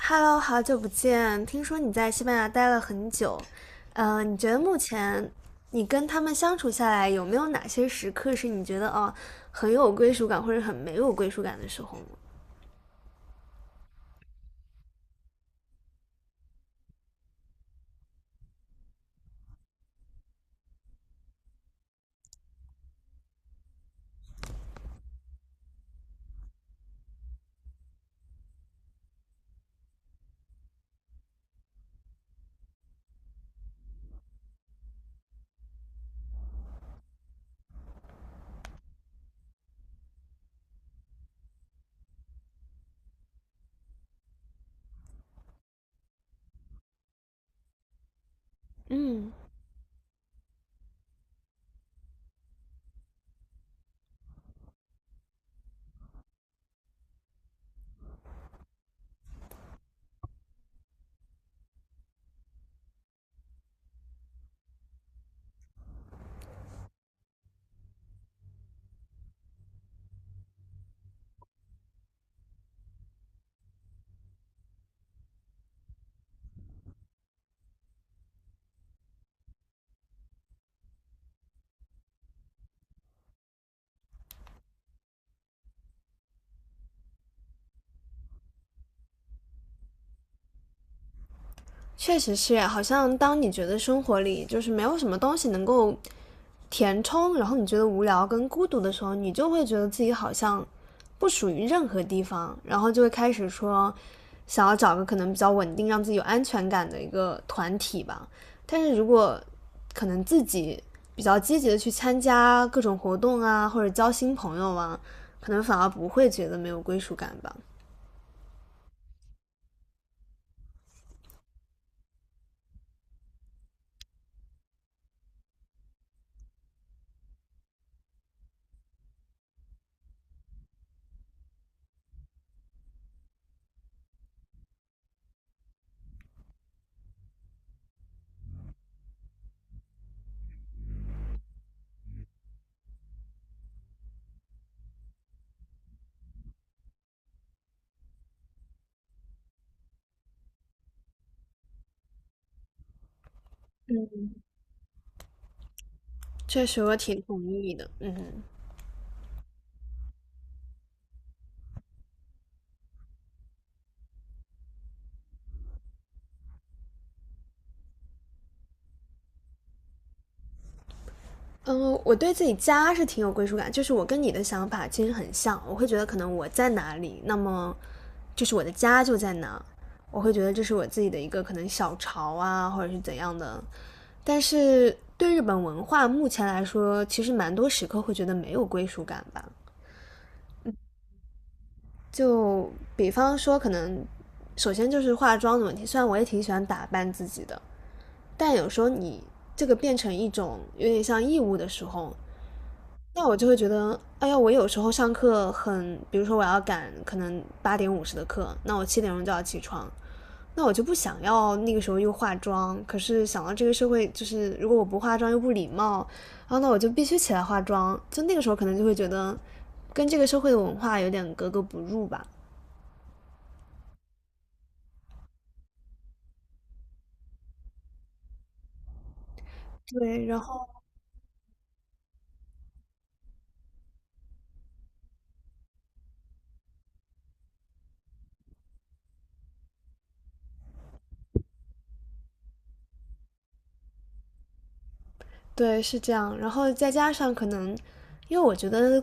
Hello，好久不见！听说你在西班牙待了很久，你觉得目前你跟他们相处下来，有没有哪些时刻是你觉得哦很有归属感，或者很没有归属感的时候呢？嗯，确实是，好像当你觉得生活里就是没有什么东西能够填充，然后你觉得无聊跟孤独的时候，你就会觉得自己好像不属于任何地方，然后就会开始说想要找个可能比较稳定、让自己有安全感的一个团体吧。但是如果可能自己比较积极的去参加各种活动啊，或者交新朋友啊，可能反而不会觉得没有归属感吧。确实，我挺同意的。嗯。嗯，我对自己家是挺有归属感，就是我跟你的想法其实很像。我会觉得可能我在哪里，那么就是我的家就在哪。我会觉得这是我自己的一个可能小巢啊，或者是怎样的。但是对日本文化目前来说，其实蛮多时刻会觉得没有归属感吧。就比方说，可能首先就是化妆的问题，虽然我也挺喜欢打扮自己的，但有时候你这个变成一种有点像义务的时候，那我就会觉得，哎呀，我有时候上课很，比如说我要赶可能8:50的课，那我7点钟就要起床，那我就不想要那个时候又化妆。可是想到这个社会，就是如果我不化妆又不礼貌，然后那我就必须起来化妆。就那个时候可能就会觉得，跟这个社会的文化有点格格不入吧。对，然后对是这样，然后再加上可能，因为我觉得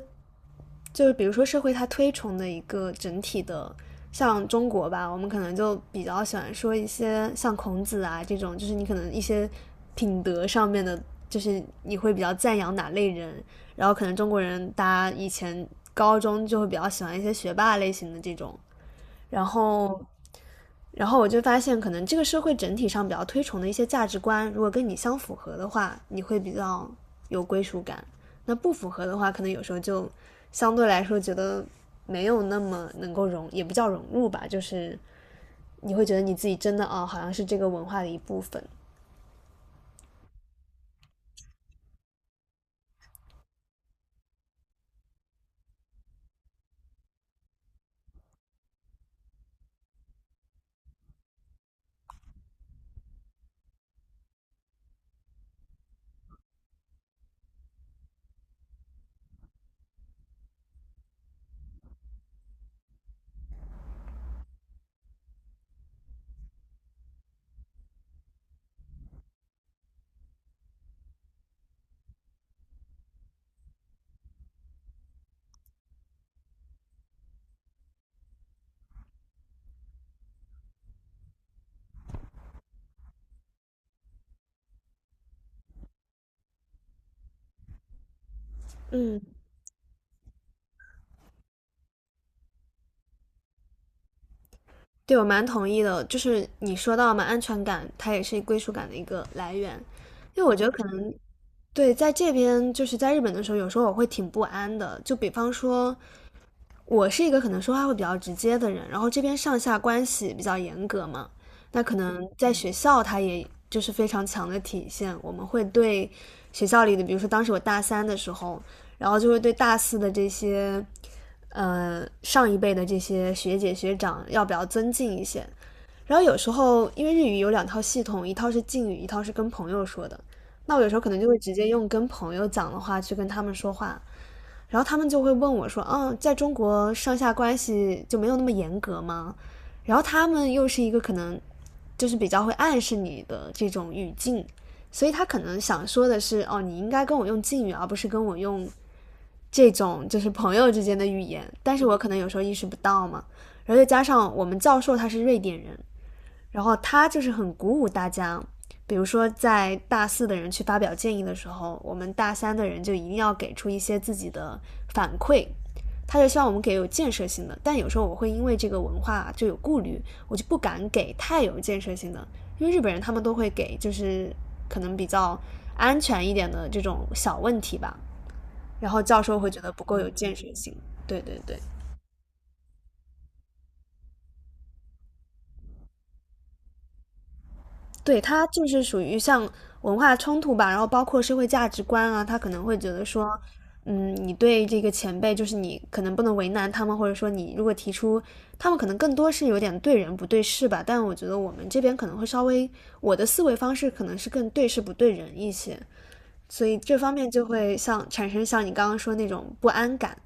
就是比如说社会它推崇的一个整体的，像中国吧，我们可能就比较喜欢说一些像孔子啊这种，就是你可能一些品德上面的，就是你会比较赞扬哪类人，然后可能中国人大家以前高中就会比较喜欢一些学霸类型的这种，然后然后我就发现，可能这个社会整体上比较推崇的一些价值观，如果跟你相符合的话，你会比较有归属感；那不符合的话，可能有时候就相对来说觉得没有那么能够融，也不叫融入吧，就是你会觉得你自己真的啊哦，好像是这个文化的一部分。嗯，对我蛮同意的，就是你说到嘛，安全感它也是归属感的一个来源，因为我觉得可能对在这边就是在日本的时候，有时候我会挺不安的，就比方说。我是一个可能说话会比较直接的人，然后这边上下关系比较严格嘛，那可能在学校它也就是非常强的体现。我们会对学校里的，比如说当时我大三的时候，然后就会对大四的这些上一辈的这些学姐学长要比较尊敬一些。然后有时候因为日语有两套系统，一套是敬语，一套是跟朋友说的。那我有时候可能就会直接用跟朋友讲的话去跟他们说话，然后他们就会问我说：“嗯，在中国上下关系就没有那么严格吗？”然后他们又是一个可能就是比较会暗示你的这种语境，所以他可能想说的是：“哦，你应该跟我用敬语，而不是跟我用这种就是朋友之间的语言。”但是我可能有时候意识不到嘛。然后再加上我们教授他是瑞典人，然后他就是很鼓舞大家，比如说在大四的人去发表建议的时候，我们大三的人就一定要给出一些自己的反馈。他就希望我们给有建设性的，但有时候我会因为这个文化就有顾虑，我就不敢给太有建设性的，因为日本人他们都会给就是可能比较安全一点的这种小问题吧，然后教授会觉得不够有建设性。对对对，对，他就是属于像文化冲突吧，然后包括社会价值观啊，他可能会觉得说，嗯，你对这个前辈，就是你可能不能为难他们，或者说你如果提出，他们可能更多是有点对人不对事吧，但我觉得我们这边可能会稍微，我的思维方式可能是更对事不对人一些，所以这方面就会像产生像你刚刚说那种不安感。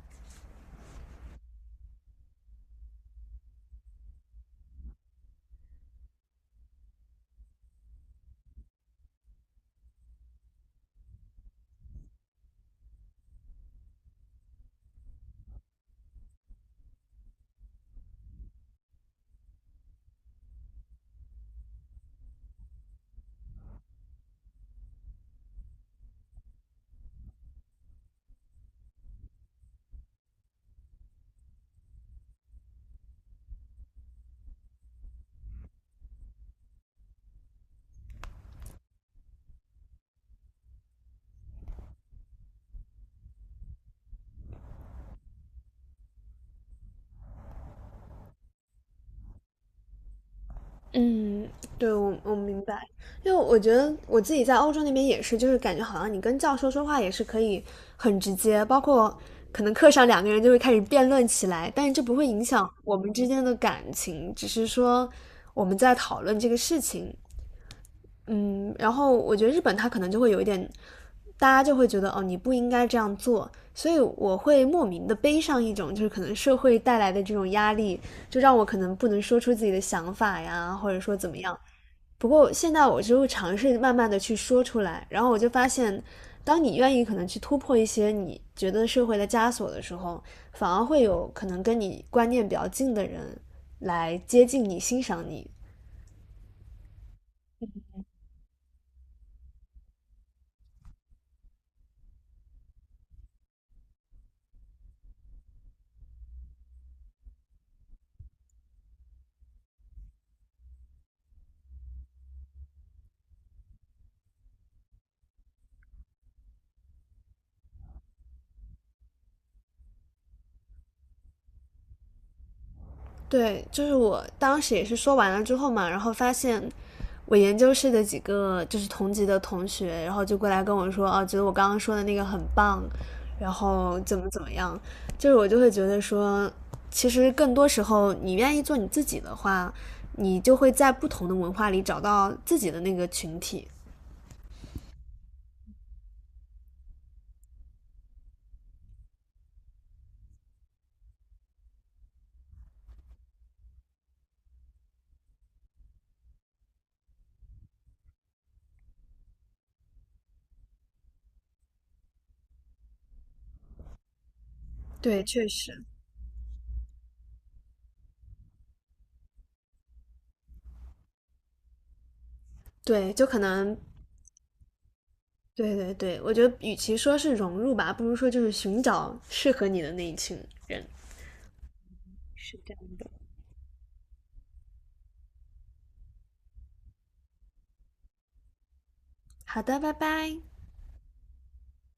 嗯，对，我明白，因为我觉得我自己在欧洲那边也是，就是感觉好像你跟教授说话也是可以很直接，包括可能课上两个人就会开始辩论起来，但是这不会影响我们之间的感情，只是说我们在讨论这个事情，嗯，然后我觉得日本它可能就会有一点，大家就会觉得哦，你不应该这样做，所以我会莫名的背上一种就是可能社会带来的这种压力，就让我可能不能说出自己的想法呀，或者说怎么样。不过现在我就会尝试慢慢的去说出来，然后我就发现，当你愿意可能去突破一些你觉得社会的枷锁的时候，反而会有可能跟你观念比较近的人来接近你、欣赏你，对，就是我当时也是说完了之后嘛，然后发现我研究室的几个就是同级的同学，然后就过来跟我说，哦、啊，觉得我刚刚说的那个很棒，然后怎么怎么样，就是我就会觉得说，其实更多时候你愿意做你自己的话，你就会在不同的文化里找到自己的那个群体。对，确实，对，就可能，对对对，我觉得与其说是融入吧，不如说就是寻找适合你的那一群人。是的，好的，拜拜。